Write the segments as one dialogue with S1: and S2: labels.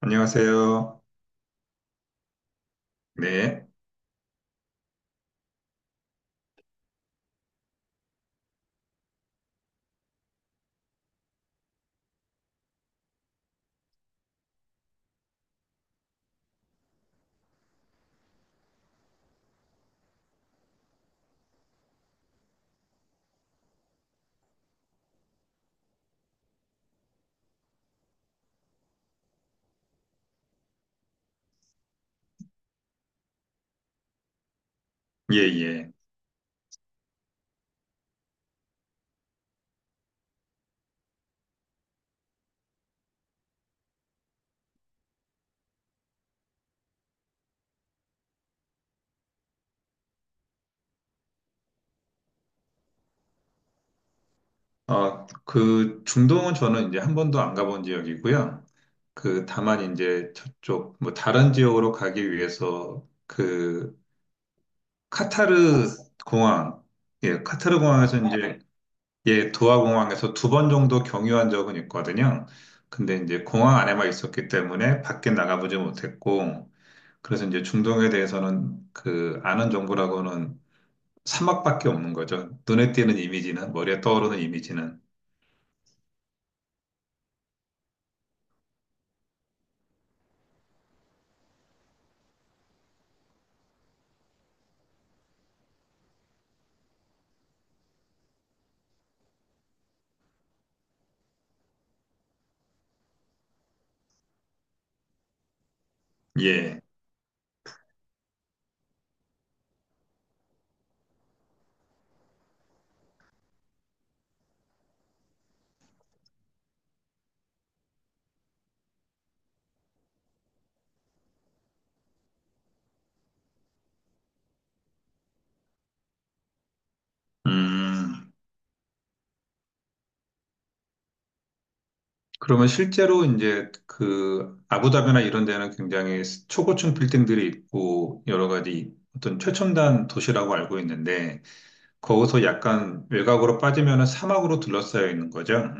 S1: 안녕하세요. 네, 예, 예. 그 중동은 저는 이제 한 번도 안 가본 지역이고요. 그 다만 이제 저쪽 뭐 다른 지역으로 가기 위해서 그 카타르 공항, 예, 카타르 공항에서 이제 예, 도하 공항에서 두 번 정도 경유한 적은 있거든요. 근데 이제 공항 안에만 있었기 때문에 밖에 나가보지 못했고, 그래서 이제 중동에 대해서는 그 아는 정보라고는 사막밖에 없는 거죠. 눈에 띄는 이미지는, 머리에 떠오르는 이미지는. 예. 음. 그러면 실제로 이제 그 아부다비나 이런 데는 굉장히 초고층 빌딩들이 있고 여러 가지 어떤 최첨단 도시라고 알고 있는데 거기서 약간 외곽으로 빠지면은 사막으로 둘러싸여 있는 거죠.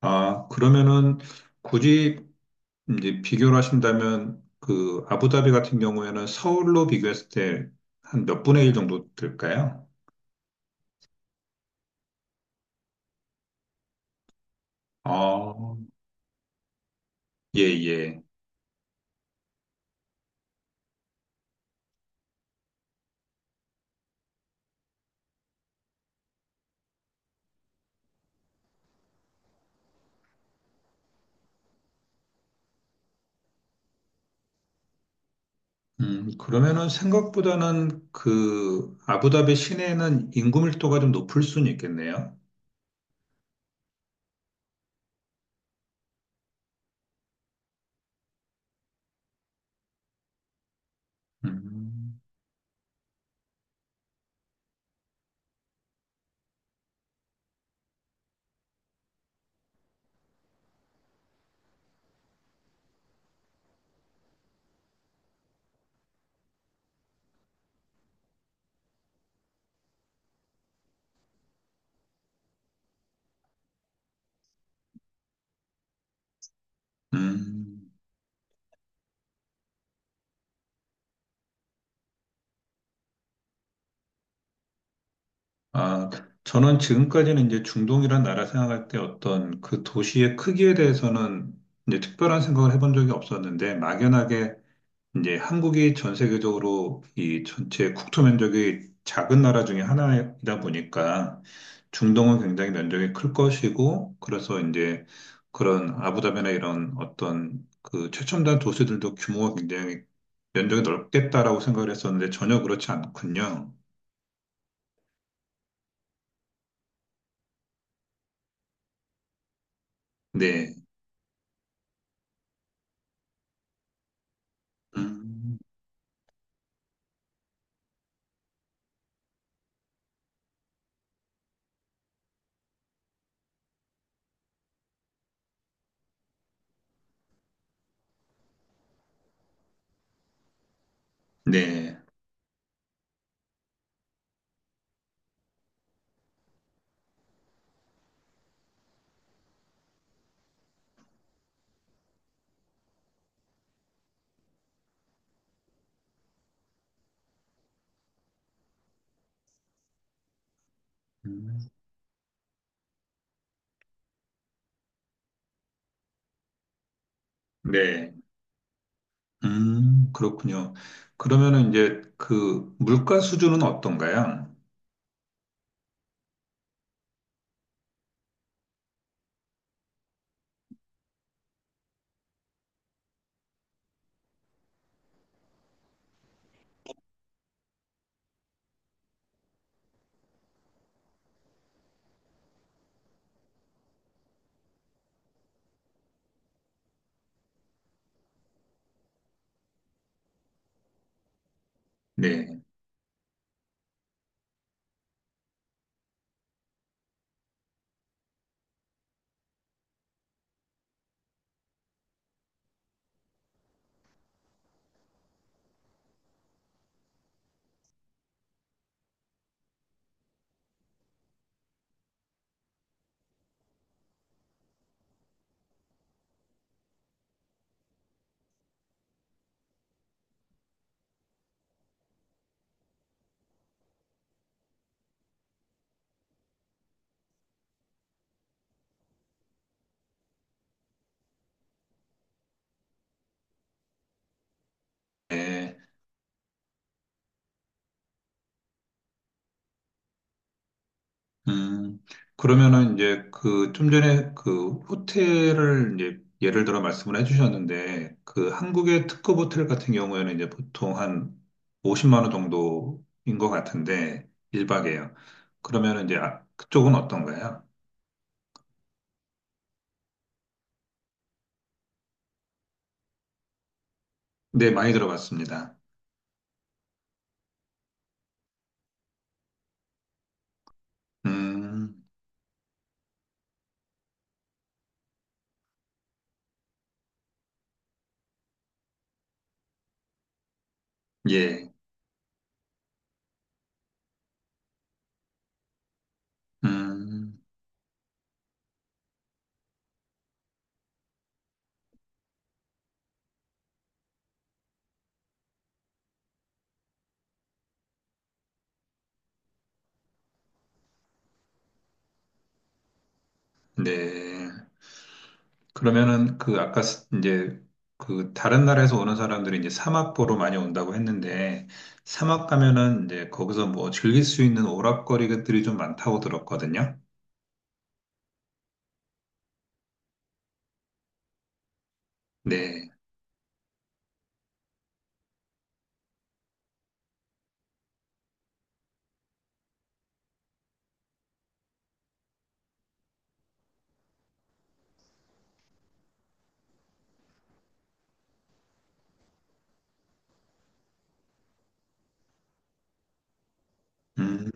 S1: 아, 그러면은 굳이 이제 비교를 하신다면 그 아부다비 같은 경우에는 서울로 비교했을 때 한 몇 분의 일 정도 될까요? 아, 예, 예. 그러면은 생각보다는 그 아부다비 시내에는 인구 밀도가 좀 높을 수는 있겠네요. 음, 음. 아, 저는 지금까지는 이제 중동이란 나라 생각할 때 어떤 그 도시의 크기에 대해서는 이제 특별한 생각을 해본 적이 없었는데 막연하게 이제 한국이 전 세계적으로 이 전체 국토 면적이 작은 나라 중에 하나이다 보니까 중동은 굉장히 면적이 클 것이고 그래서 이제 그런 아부다비나 이런 어떤 그 최첨단 도시들도 규모가 굉장히 면적이 넓겠다라고 생각을 했었는데 전혀 그렇지 않군요. 네. 음, 네. 음, 네. 그렇군요. 그러면은 이제 그 물가 수준은 어떤가요? 네. 네. 음, 그러면은 이제 그 좀 전에 그 호텔을 이제 예를 들어 말씀을 해주셨는데 그 한국의 특급 호텔 같은 경우에는 이제 보통 한 50만 원 정도인 것 같은데 1박에요. 그러면은 이제 아, 그쪽은 어떤가요? 네, 많이 들어봤습니다. 음, 예, 음, 네. 그러면은 그 아까 이제 그 다른 나라에서 오는 사람들이 이제 사막 보러 많이 온다고 했는데 사막 가면은 이제 거기서 뭐 즐길 수 있는 오락거리들이 좀 많다고 들었거든요. 네. 음.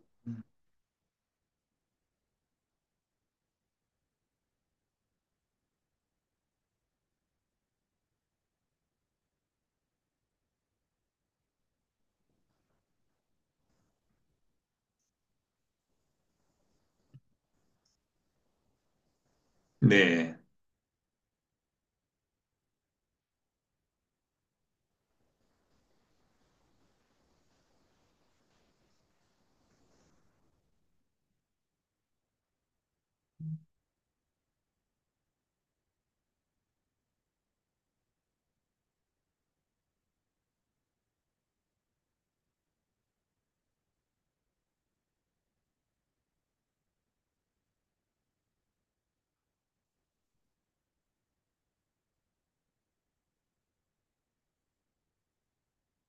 S1: 네.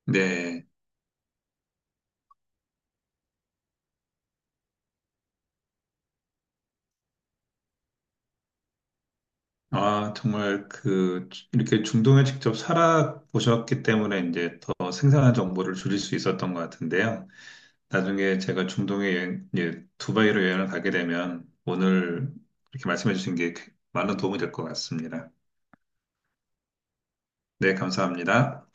S1: 네. 아, 정말 그 이렇게 중동에 직접 살아 보셨기 때문에 이제 더 생생한 정보를 줄일 수 있었던 것 같은데요. 나중에 제가 중동에 여행, 예, 두바이로 여행을 가게 되면 오늘 이렇게 말씀해 주신 게 많은 도움이 될 것 같습니다. 네, 감사합니다.